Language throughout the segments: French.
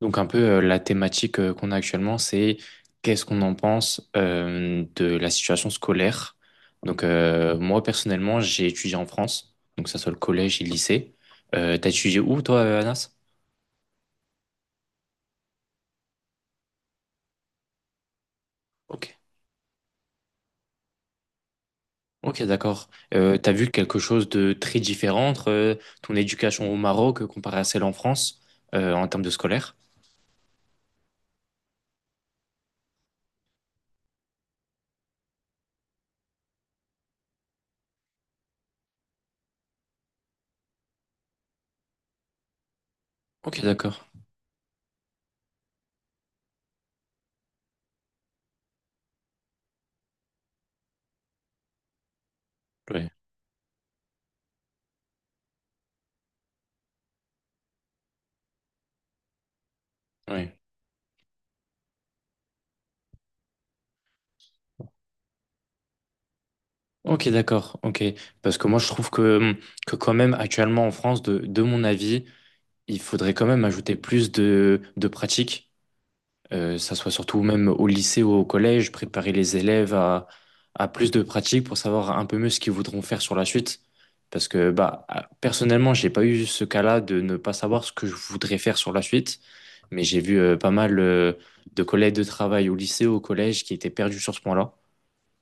Donc un peu la thématique qu'on a actuellement, c'est qu'est-ce qu'on en pense de la situation scolaire. Donc moi personnellement, j'ai étudié en France, donc que ça soit le collège et le lycée. T'as étudié où toi, Anas? Ok, ok, d'accord. T'as vu quelque chose de très différent entre ton éducation au Maroc comparée à celle en France en termes de scolaire? Ok, d'accord. Oui, oui. Ok, d'accord. Ok, parce que moi je trouve que quand même actuellement en France, de mon avis. Il faudrait quand même ajouter plus de pratiques, ça soit surtout même au lycée ou au collège, préparer les élèves à plus de pratiques pour savoir un peu mieux ce qu'ils voudront faire sur la suite. Parce que bah, personnellement, j'ai pas eu ce cas-là de ne pas savoir ce que je voudrais faire sur la suite, mais j'ai vu pas mal de collègues de travail au lycée ou au collège qui étaient perdus sur ce point-là.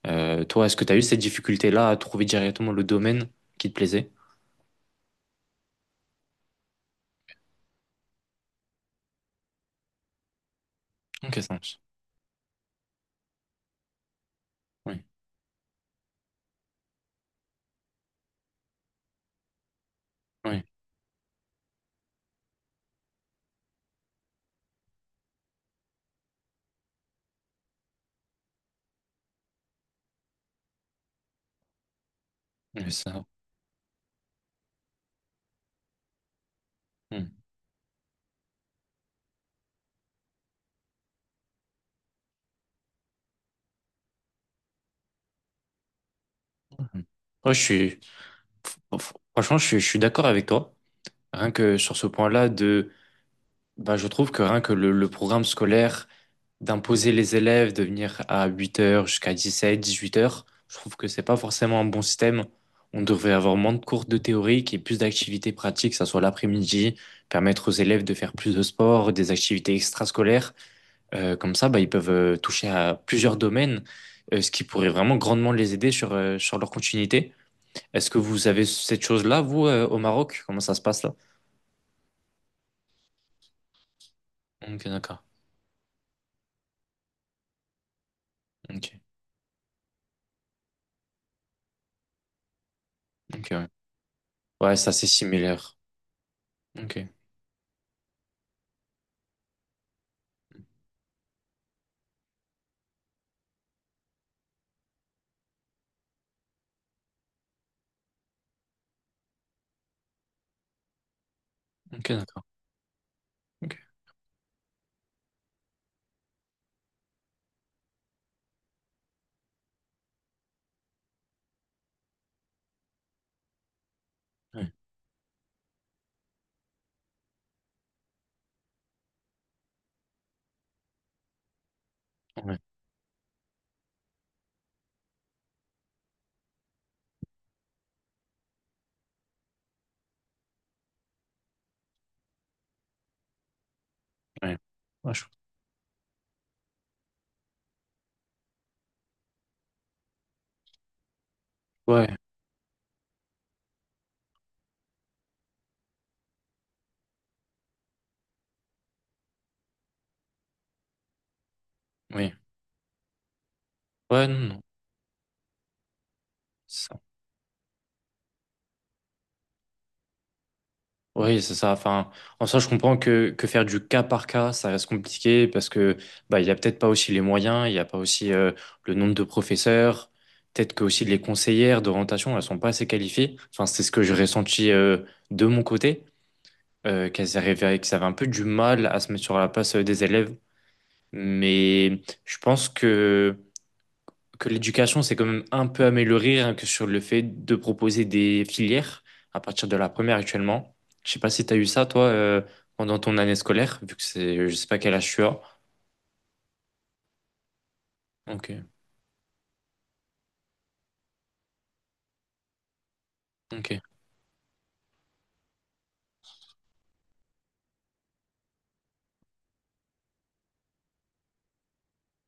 Toi, est-ce que tu as eu cette difficulté-là à trouver directement le domaine qui te plaisait? Ok, ça marche. Oui, oui, oui, ça. Mm. Mm. Ouais, franchement, je suis d'accord avec toi. Rien que sur ce point-là, de, bah, je trouve que rien que le programme scolaire d'imposer les élèves de venir à 8 heures jusqu'à 17, 18 heures, je trouve que c'est pas forcément un bon système. On devrait avoir moins de cours de théorie et plus d'activités pratiques, que ça soit l'après-midi, permettre aux élèves de faire plus de sport, des activités extrascolaires. Comme ça, bah, ils peuvent toucher à plusieurs domaines, ce qui pourrait vraiment grandement les aider sur, sur leur continuité. Est-ce que vous avez cette chose-là, vous, au Maroc? Comment ça se passe là? Ok, d'accord. Ok, ok, ouais. Ouais, ça c'est similaire. Ok, ok, d'accord. Ok, ouais, ouais, ouais. Ouais, ouais, oui. Ouais, non, non. C'est ça. Oui, c'est ça. Enfin, en soi, je comprends que faire du cas par cas, ça reste compliqué parce que bah, il n'y a peut-être pas aussi les moyens, il n'y a pas aussi le nombre de professeurs. Peut-être que aussi les conseillères d'orientation, elles sont pas assez qualifiées. Enfin, c'est ce que j'ai ressenti de mon côté. Qu'elles arrivaient, qu'elles avaient un peu du mal à se mettre sur la place des élèves. Mais je pense que l'éducation s'est quand même un peu améliorée rien que sur le fait de proposer des filières à partir de la première actuellement. Je sais pas si tu as eu ça, toi, pendant ton année scolaire, vu que c'est, je sais pas quel âge tu as. Ok, ok,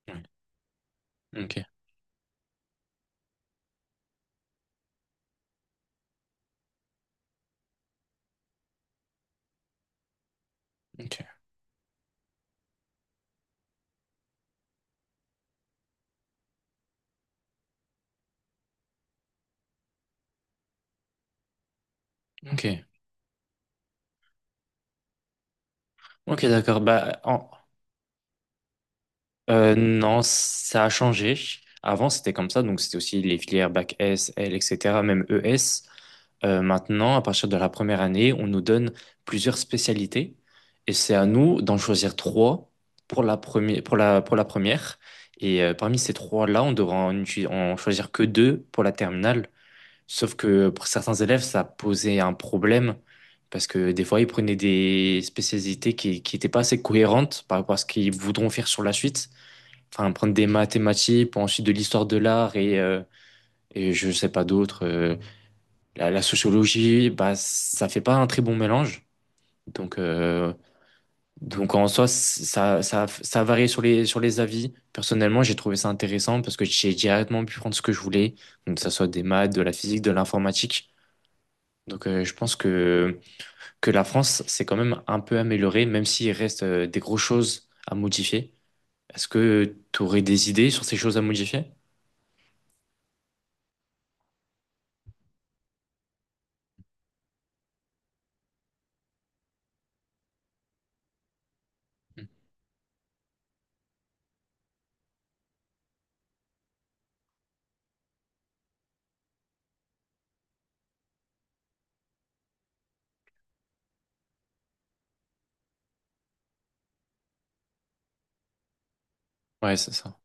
ouais, ok, ok, ok. Ok, d'accord. Bah, en, non, ça a changé. Avant, c'était comme ça, donc c'était aussi les filières bac S, L, etc., même ES. Maintenant, à partir de la première année, on nous donne plusieurs spécialités et c'est à nous d'en choisir trois pour la première, pour la première. Et parmi ces trois-là, on devra en, en choisir que deux pour la terminale. Sauf que pour certains élèves, ça posait un problème parce que des fois, ils prenaient des spécialités qui n'étaient pas assez cohérentes par rapport à ce qu'ils voudront faire sur la suite, enfin prendre des mathématiques, puis ensuite de l'histoire de l'art et je sais pas d'autres. La, la sociologie, bah ça fait pas un très bon mélange. Donc euh, donc en soi ça varie sur les avis. Personnellement, j'ai trouvé ça intéressant parce que j'ai directement pu prendre ce que je voulais, donc que ça soit des maths, de la physique, de l'informatique. Donc je pense que la France s'est quand même un peu améliorée, même s'il reste des grosses choses à modifier. Est-ce que tu aurais des idées sur ces choses à modifier? Ouais, c'est ça.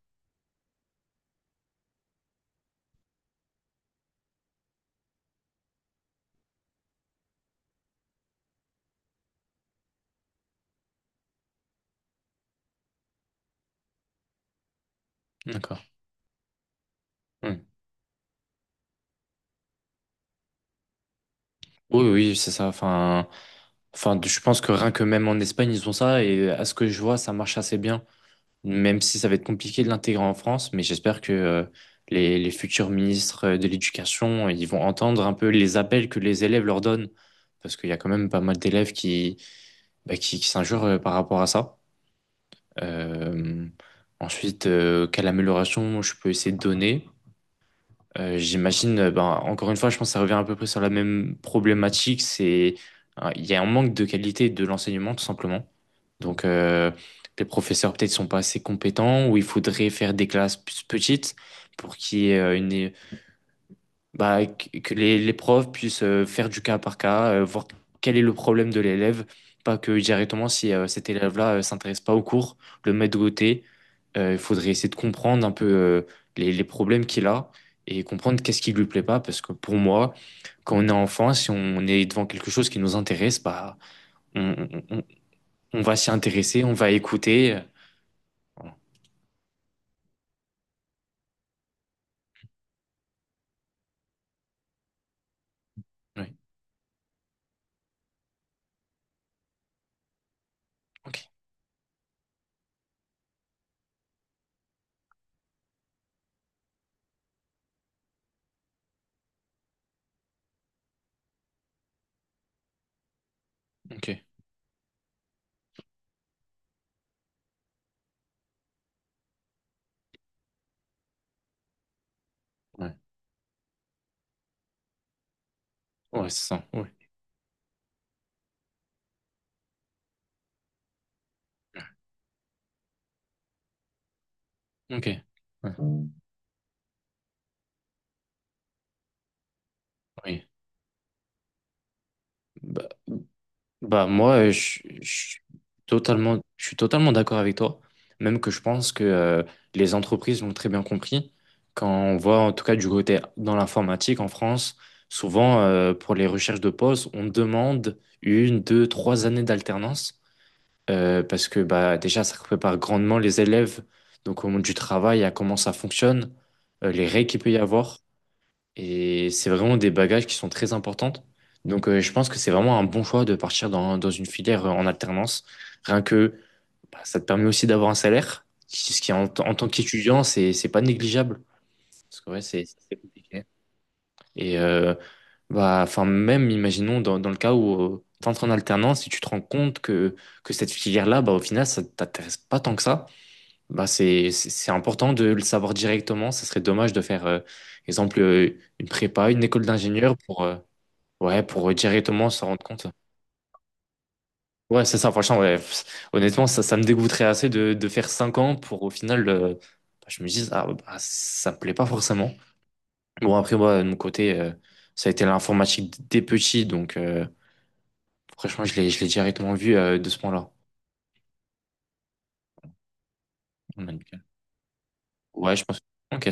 D'accord. Hmm. Oui, oui, c'est ça. Enfin, enfin, je pense que rien que même en Espagne, ils ont ça. Et à ce que je vois, ça marche assez bien. Même si ça va être compliqué de l'intégrer en France. Mais j'espère que les futurs ministres de l'éducation, ils vont entendre un peu les appels que les élèves leur donnent. Parce qu'il y a quand même pas mal d'élèves qui, bah, qui s'injurent par rapport à ça. Euh, Ensuite, quelle amélioration je peux essayer de donner? J'imagine, ben, encore une fois, je pense que ça revient à peu près sur la même problématique. C'est, il y a un manque de qualité de l'enseignement, tout simplement. Donc, les professeurs peut-être sont pas assez compétents ou il faudrait faire des classes plus petites pour qu'il y ait une, bah, que les profs puissent faire du cas par cas, voir quel est le problème de l'élève, pas que directement si cet élève-là s'intéresse pas au cours, le mettre de côté. Il faudrait essayer de comprendre un peu les problèmes qu'il a et comprendre qu'est-ce qui lui plaît pas, parce que pour moi, quand on est enfant, si on est devant quelque chose qui nous intéresse, bah, on, on va s'y intéresser, on va écouter. Voilà. Oui, ok, ok, ouais, ouais, c'est ça, oui, ok, ouais, oui. Bah, bah moi je, je suis totalement d'accord avec toi, même que je pense que les entreprises l'ont très bien compris, quand on voit en tout cas du côté dans l'informatique en France, souvent pour les recherches de postes on demande 1, 2, 3 années d'alternance, parce que bah déjà ça prépare grandement les élèves donc au monde du travail, à comment ça fonctionne, les règles qu'il peut y avoir, et c'est vraiment des bagages qui sont très importantes. Donc, je pense que c'est vraiment un bon choix de partir dans, dans une filière en alternance. Rien que, bah, ça te permet aussi d'avoir un salaire, ce qui en, en tant qu'étudiant, c'est pas négligeable. Parce que ouais, c'est compliqué. Et bah, enfin, même imaginons dans, dans le cas où tu entres en alternance et tu te rends compte que cette filière-là, bah, au final, ça t'intéresse pas tant que ça. Bah c'est important de le savoir directement. Ça serait dommage de faire, exemple, une prépa, une école d'ingénieur pour, ouais, pour directement se rendre compte. Ouais, c'est ça, franchement, ouais. Pff, honnêtement, ça me dégoûterait assez de faire 5 ans pour au final, bah, je me dis, ah, bah, ça me plaît pas forcément. Bon, après, moi, de mon côté, ça a été l'informatique dès petit, donc franchement, je l'ai directement vu de ce point-là. Ouais, je pense. Ok,